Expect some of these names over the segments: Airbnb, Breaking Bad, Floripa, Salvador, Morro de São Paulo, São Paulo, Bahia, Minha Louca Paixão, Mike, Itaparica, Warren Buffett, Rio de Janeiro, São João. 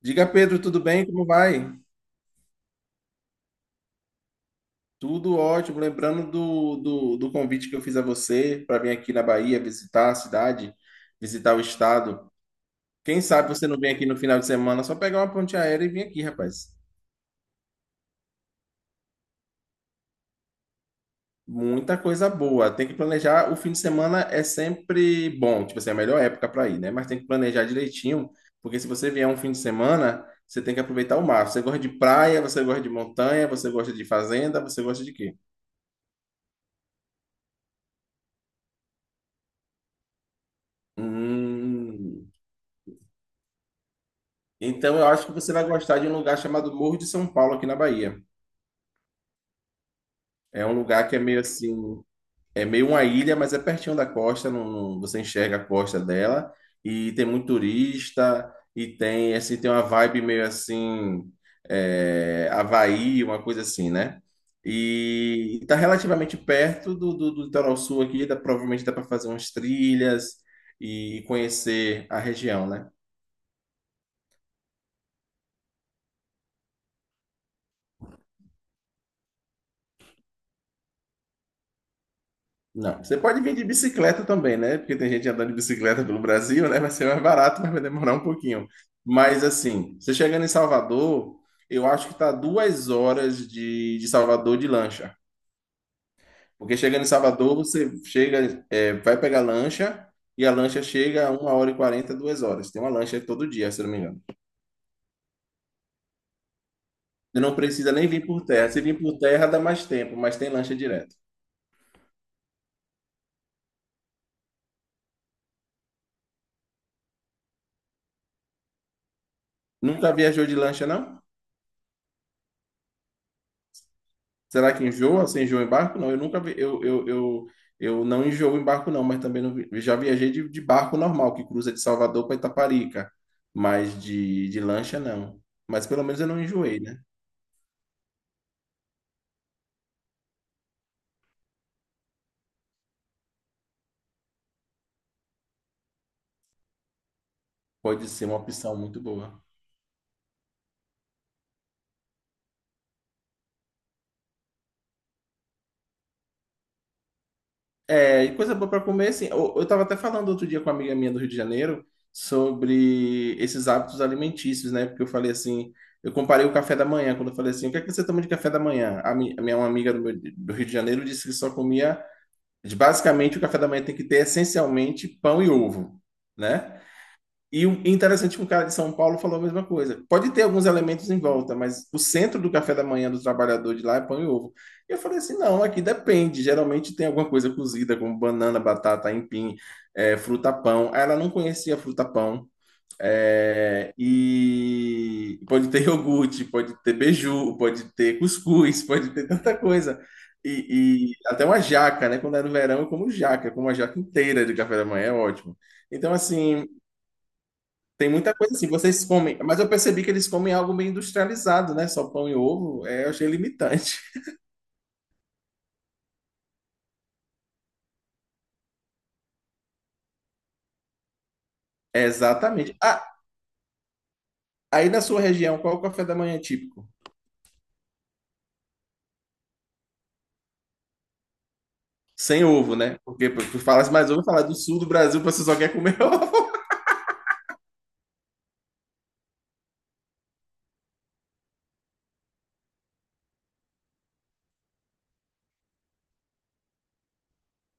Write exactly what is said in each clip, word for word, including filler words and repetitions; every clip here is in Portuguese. Diga, Pedro, tudo bem? Como vai? Tudo ótimo. Lembrando do, do, do convite que eu fiz a você para vir aqui na Bahia visitar a cidade, visitar o estado. Quem sabe você não vem aqui no final de semana, só pegar uma ponte aérea e vir aqui, rapaz. Muita coisa boa. Tem que planejar. O fim de semana é sempre bom, tipo assim, é a melhor época para ir, né? Mas tem que planejar direitinho, porque se você vier um fim de semana, você tem que aproveitar o mar. Você gosta de praia, você gosta de montanha, você gosta de fazenda, você gosta de quê? Hum. Então, eu acho que você vai gostar de um lugar chamado Morro de São Paulo, aqui na Bahia. É um lugar que é meio assim, é meio uma ilha, mas é pertinho da costa, não, não- você enxerga a costa dela, e tem muito turista, e tem, assim, tem uma vibe meio assim, é, Havaí, uma coisa assim, né? E está relativamente perto do, do, do litoral sul aqui, dá, provavelmente dá para fazer umas trilhas e conhecer a região, né? Não. Você pode vir de bicicleta também, né? Porque tem gente andando de bicicleta pelo Brasil, né? Vai ser mais barato, mas vai demorar um pouquinho. Mas assim, você chegando em Salvador, eu acho que tá duas horas de, de Salvador de lancha. Porque chegando em Salvador, você chega, é, vai pegar lancha e a lancha chega a uma hora e quarenta, duas horas. Tem uma lancha todo dia, se eu não me engano. Você não precisa nem vir por terra. Se vir por terra, dá mais tempo, mas tem lancha direto. Nunca viajou de lancha, não? Será que enjoa? Você enjoa em barco? Não, eu nunca vi, eu, eu, eu, eu não enjoo em barco, não, mas também não vi- já viajei de, de barco normal, que cruza de Salvador para Itaparica, mas de, de lancha não. Mas pelo menos eu não enjoei, né? Pode ser uma opção muito boa. É, e coisa boa para comer, assim. Eu, eu tava até falando outro dia com uma amiga minha do Rio de Janeiro sobre esses hábitos alimentícios, né? Porque eu falei assim, eu comparei o café da manhã, quando eu falei assim, o que é que você toma de café da manhã? A mi- a minha uma amiga do, meu- do Rio de Janeiro disse que só comia. Mas, basicamente, o café da manhã tem que ter essencialmente pão e ovo, né? E o interessante é que um cara de São Paulo falou a mesma coisa. Pode ter alguns elementos em volta, mas o centro do café da manhã do trabalhador de lá é pão e ovo. E eu falei assim, não, aqui depende. Geralmente tem alguma coisa cozida, como banana, batata, aipim, eh, fruta pão. Ela não conhecia fruta pão. É, e pode ter iogurte, pode ter beiju, pode ter cuscuz, pode ter tanta coisa. E, e até uma jaca, né? Quando é no verão, eu como jaca, eu como uma jaca inteira de café da manhã, é ótimo. Então, assim, tem muita coisa assim. Vocês comem, mas eu percebi que eles comem algo meio industrializado, né? Só pão e ovo, é, eu achei limitante. É, exatamente. Ah, aí na sua região, qual é o café da manhã típico? Sem ovo, né? Porque tu falas mais ovo, falar do sul do Brasil, você só quer comer ovo.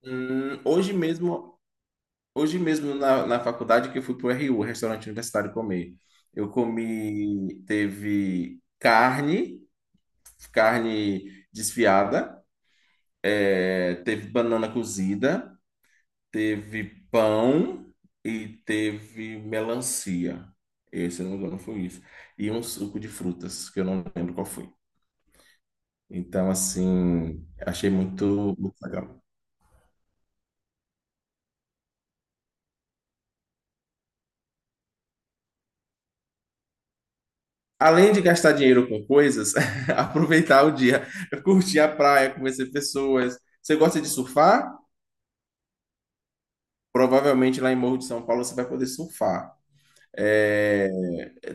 Hum, hoje mesmo. Hoje mesmo na, na faculdade que eu fui pro R U, restaurante universitário comer. Eu comi, teve carne, carne desfiada, eh, teve banana cozida, teve pão e teve melancia. Esse, se eu não me engano, foi isso. E um suco de frutas, que eu não lembro qual foi. Então, assim, achei muito, muito legal. Além de gastar dinheiro com coisas, aproveitar o dia, curtir a praia, conhecer pessoas. Você gosta de surfar? Provavelmente lá em Morro de São Paulo você vai poder surfar. É,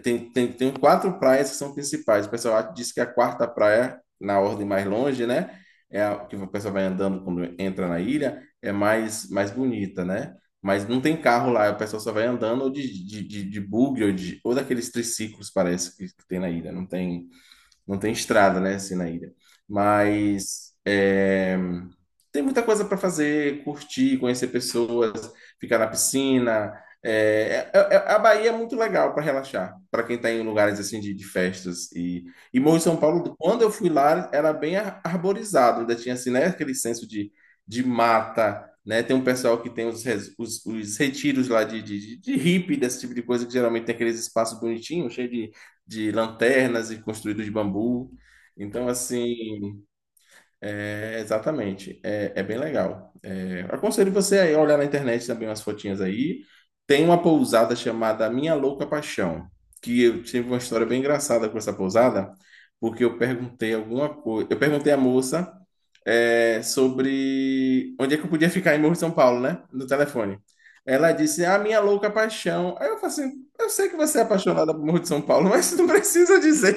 tem, tem, tem quatro praias que são principais. O pessoal diz que a quarta praia, na ordem mais longe, né? É a que o pessoal vai andando quando entra na ilha, é mais, mais bonita, né? Mas não tem carro lá, o pessoal só vai andando ou de, de, de, de bug ou, de, ou daqueles triciclos, parece, que que tem na ilha. Não tem não tem estrada, né, assim, na ilha. Mas é, tem muita coisa para fazer, curtir, conhecer pessoas, ficar na piscina. É, é, é- é, a Bahia é muito legal para relaxar, para quem está em lugares assim de, de festas. E, e Morro de São Paulo, quando eu fui lá, era bem ar- arborizado, ainda tinha assim, né, aquele senso de, de mata. Né? Tem um pessoal que tem os, res- os, os retiros lá de, de, de de hippie, desse tipo de coisa, que geralmente tem aqueles espaços bonitinhos, cheios de, de lanternas e construído de bambu. Então, assim, é, exatamente, é, é bem legal. É, aconselho você aí a olhar na internet também umas fotinhas aí. Tem uma pousada chamada Minha Louca Paixão, que eu tive uma história bem engraçada com essa pousada, porque eu perguntei alguma coisa. Eu perguntei à moça é, sobre onde é que eu podia ficar em Morro de São Paulo, né? No telefone. Ela disse, a minha louca paixão. Aí eu falei assim, eu sei que você é apaixonada por Morro de São Paulo, mas não precisa dizer.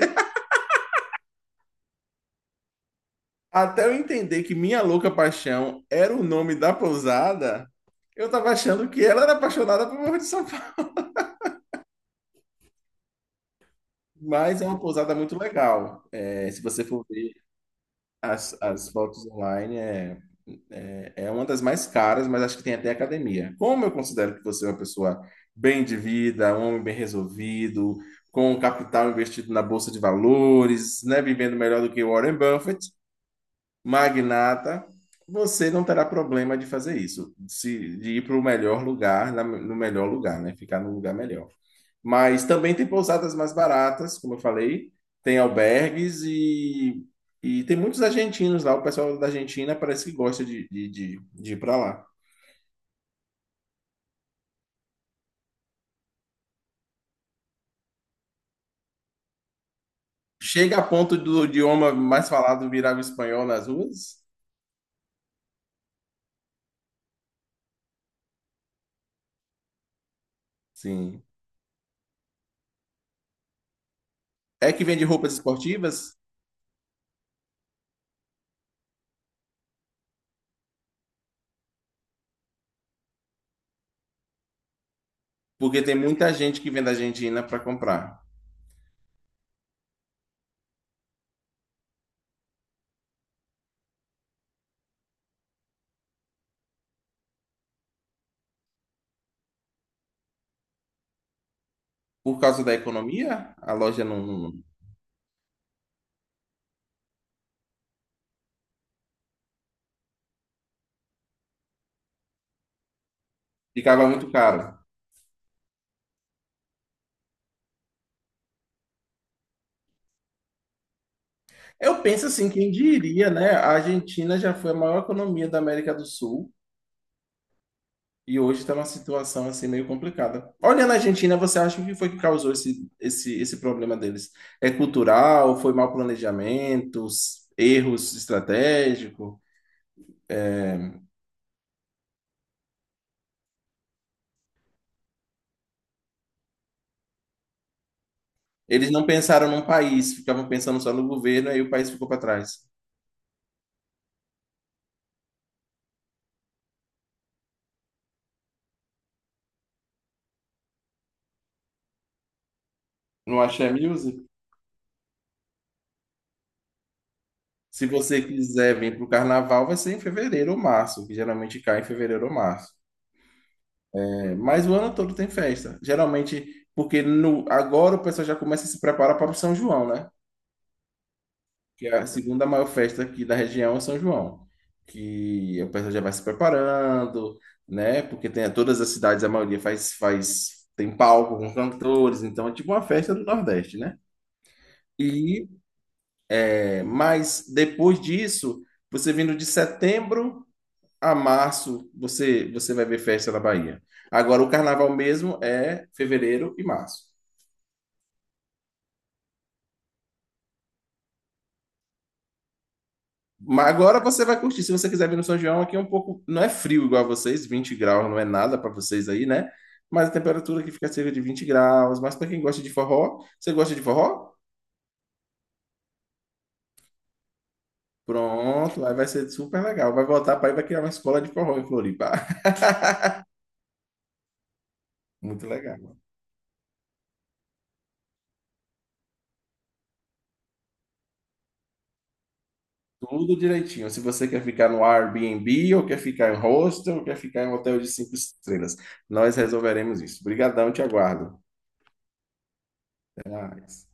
Até eu entender que Minha Louca Paixão era o nome da pousada, eu tava achando que ela era apaixonada por Morro de São Paulo. Mas é uma pousada muito legal. É, se você for ver as, as fotos online, é, é, é uma das mais caras, mas acho que tem até academia. Como eu considero que você é uma pessoa bem de vida, um homem bem resolvido, com um capital investido na bolsa de valores, né, vivendo melhor do que Warren Buffett, magnata, você não terá problema de fazer isso, se- de ir para o melhor lugar, na- no melhor lugar, né? Ficar no lugar melhor. Mas também tem pousadas mais baratas, como eu falei, tem albergues e, e tem muitos argentinos lá. O pessoal da Argentina parece que gosta de, de, de, de ir para lá. Chega a ponto do idioma mais falado virar o espanhol nas ruas? Sim. É que vende roupas esportivas? Porque tem muita gente que vem da Argentina para comprar. Por causa da economia, a loja não, não- ficava muito caro. Eu penso assim, quem diria, né? A Argentina já foi a maior economia da América do Sul e hoje está numa situação assim meio complicada. Olhando a Argentina, você acha o que foi que causou esse, esse, esse problema deles? É cultural? Foi mau planejamento? Erros estratégicos? Eles não pensaram num país, ficavam pensando só no governo, aí o país ficou para trás. Não achei a. Se você quiser vir para o carnaval, vai ser em fevereiro ou março, que geralmente cai em fevereiro ou março. É, mas o ano todo tem festa. Geralmente, porque no, agora o pessoal já começa a se preparar para o São João, né? Que é a segunda maior festa aqui da região é São João. Que o pessoal já vai se preparando, né? Porque tem todas as cidades, a maioria faz, faz, tem palco com cantores, então é tipo uma festa do Nordeste, né? E, é, mas depois disso, você vindo de setembro a março você você vai ver festa na Bahia. Agora o carnaval mesmo é fevereiro e março. Mas agora você vai curtir. Se você quiser vir no São João, aqui é um pouco. Não é frio igual a vocês, vinte graus não é nada para vocês aí, né? Mas a temperatura aqui fica cerca de vinte graus. Mas para quem gosta de forró, você gosta de forró? Pronto, aí vai ser super legal. Vai voltar para aí, vai criar uma escola de forró em Floripa. Muito legal. Tudo direitinho. Se você quer ficar no Airbnb, ou quer ficar em hostel, ou quer ficar em hotel de cinco estrelas, nós resolveremos isso. Obrigadão, te aguardo. Até mais.